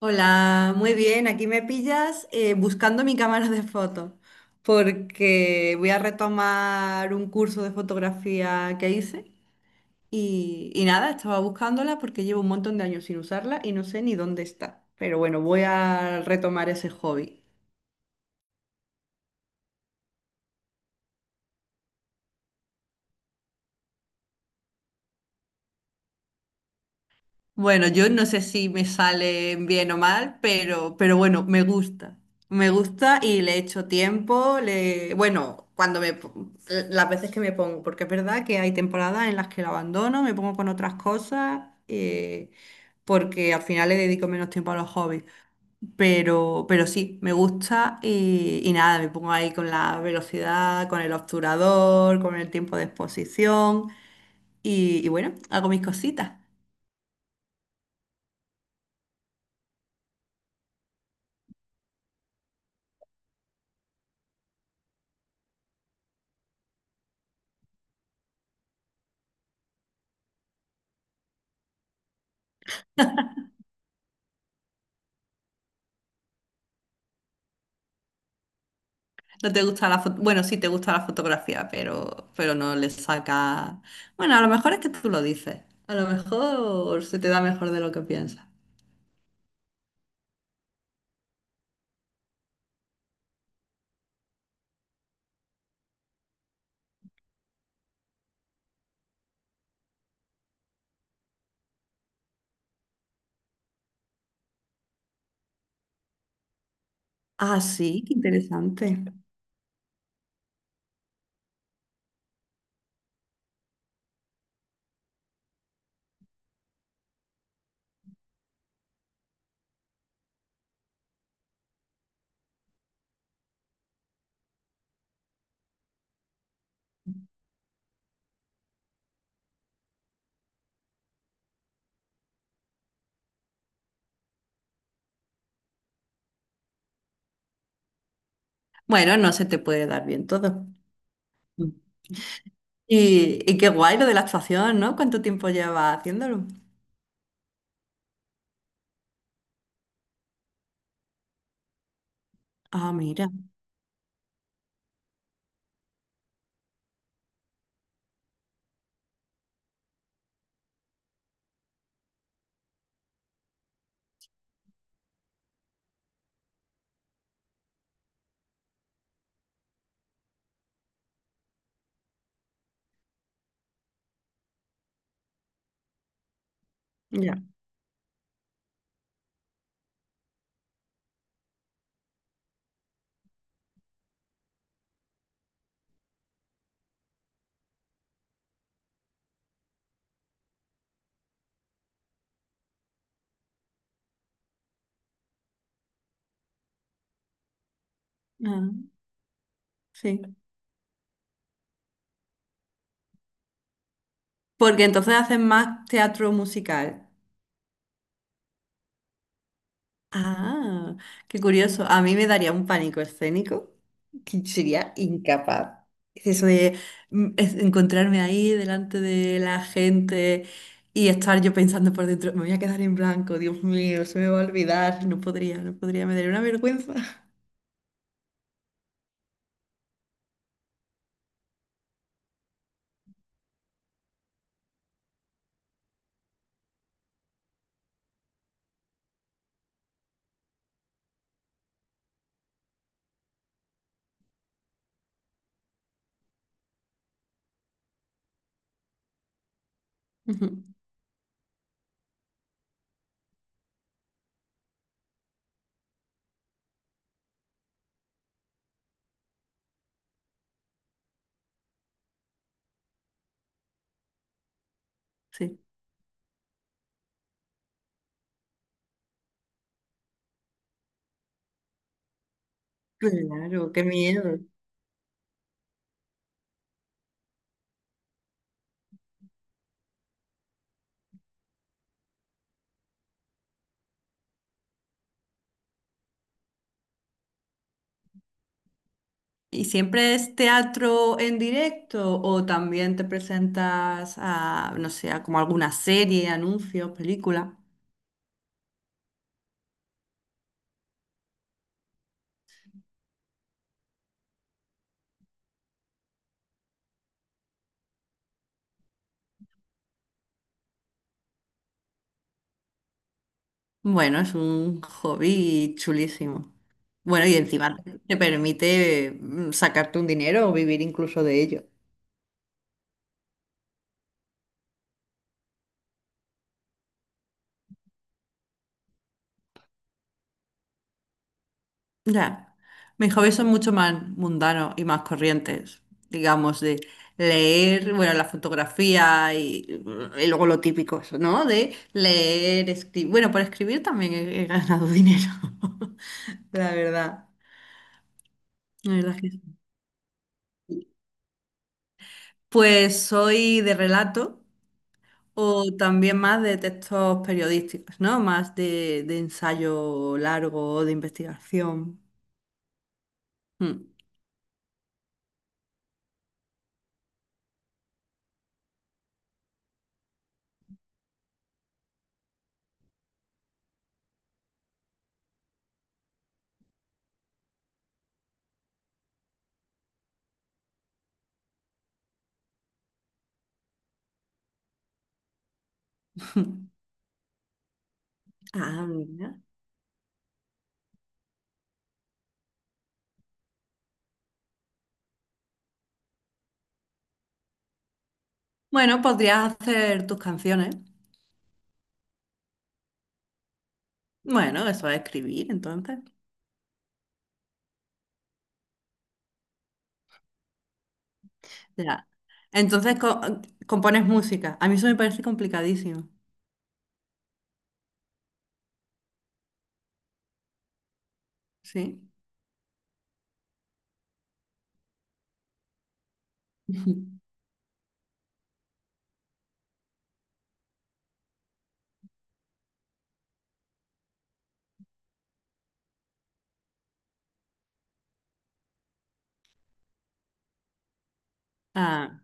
Hola, muy bien. Aquí me pillas buscando mi cámara de fotos porque voy a retomar un curso de fotografía que hice y nada, estaba buscándola porque llevo un montón de años sin usarla y no sé ni dónde está. Pero bueno, voy a retomar ese hobby. Bueno, yo no sé si me sale bien o mal, pero bueno, me gusta. Me gusta y le echo tiempo. Bueno, las veces que me pongo, porque es verdad que hay temporadas en las que lo abandono, me pongo con otras cosas, porque al final le dedico menos tiempo a los hobbies. Pero sí, me gusta y nada, me pongo ahí con la velocidad, con el obturador, con el tiempo de exposición y bueno, hago mis cositas. No te gusta la foto, bueno, sí te gusta la fotografía, pero no le saca. Bueno, a lo mejor es que tú lo dices. A lo mejor se te da mejor de lo que piensas. Ah, sí, qué interesante. Bueno, no se te puede dar bien todo. Mm. Y qué guay lo de la actuación, ¿no? ¿Cuánto tiempo llevas haciéndolo? Ah, mira. Ya. Ah, sí. Porque entonces haces más teatro musical. Ah, qué curioso. A mí me daría un pánico escénico que sería incapaz. Es eso de encontrarme ahí delante de la gente y estar yo pensando por dentro, me voy a quedar en blanco, Dios mío, se me va a olvidar, no podría, no podría, me daría una vergüenza. Ujú, sí. Claro, qué miedo. ¿Y siempre es teatro en directo o también te presentas a, no sé, a como alguna serie, anuncios, película? Bueno, es un hobby chulísimo. Bueno, y encima te permite sacarte un dinero o vivir incluso de ello. Ya, mis hobbies son mucho más mundanos y más corrientes, digamos, de leer, bueno, la fotografía y y luego lo típico, eso, ¿no? De leer, escribir. Bueno, por escribir también he ganado dinero, la verdad. La verdad es que sí. Pues soy de relato. O también más de textos periodísticos, ¿no? Más de ensayo largo, de investigación. Mm. Ah, mira. Bueno, podrías hacer tus canciones. Bueno, eso es escribir, entonces. Ya. Entonces co- compones música. A mí eso me parece complicadísimo, ¿sí? Ah.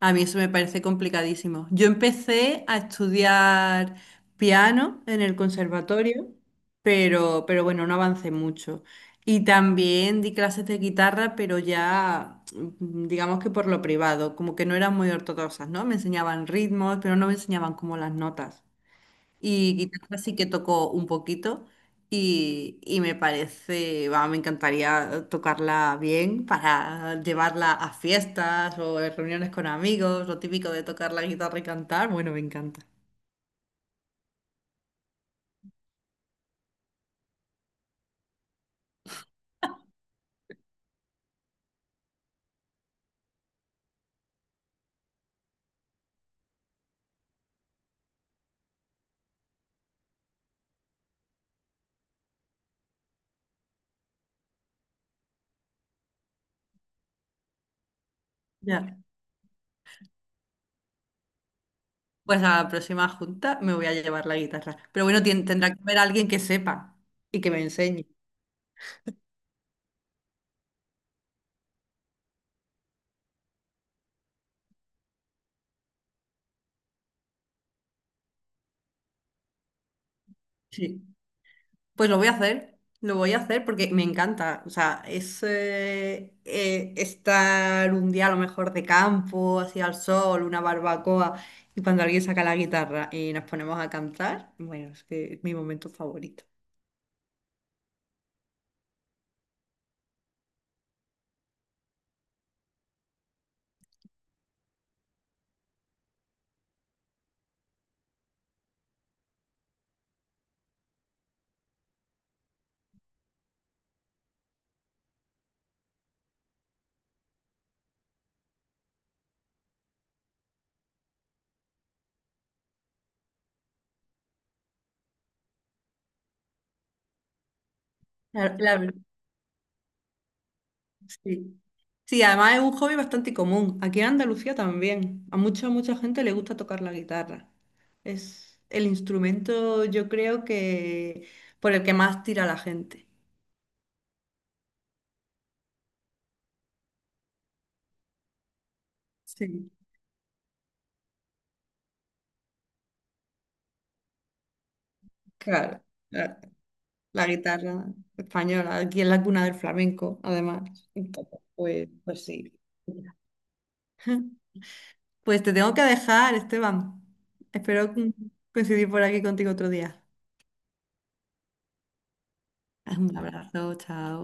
A mí eso me parece complicadísimo. Yo empecé a estudiar piano en el conservatorio, pero bueno, no avancé mucho. Y también di clases de guitarra, pero ya, digamos que por lo privado, como que no eran muy ortodoxas, ¿no? Me enseñaban ritmos, pero no me enseñaban como las notas. Y guitarra sí que tocó un poquito y me parece, va, me encantaría tocarla bien para llevarla a fiestas o en reuniones con amigos, lo típico de tocar la guitarra y cantar, bueno, me encanta. Ya. Pues a la próxima junta me voy a llevar la guitarra. Pero bueno, tendrá que haber alguien que sepa y que me enseñe. Sí. Pues lo voy a hacer, lo voy a hacer porque me encanta. O sea, es estar un día a lo mejor de campo, así al sol, una barbacoa, y cuando alguien saca la guitarra y nos ponemos a cantar, bueno, es que es mi momento favorito. La verdad, sí. Sí, además es un hobby bastante común. Aquí en Andalucía también. A mucha gente le gusta tocar la guitarra. Es el instrumento, yo creo que por el que más tira la gente. Sí, claro. La guitarra española, aquí en la cuna del flamenco, además. Entonces, pues, pues sí. Pues te tengo que dejar, Esteban. Espero coincidir por aquí contigo otro día. Un abrazo, chao.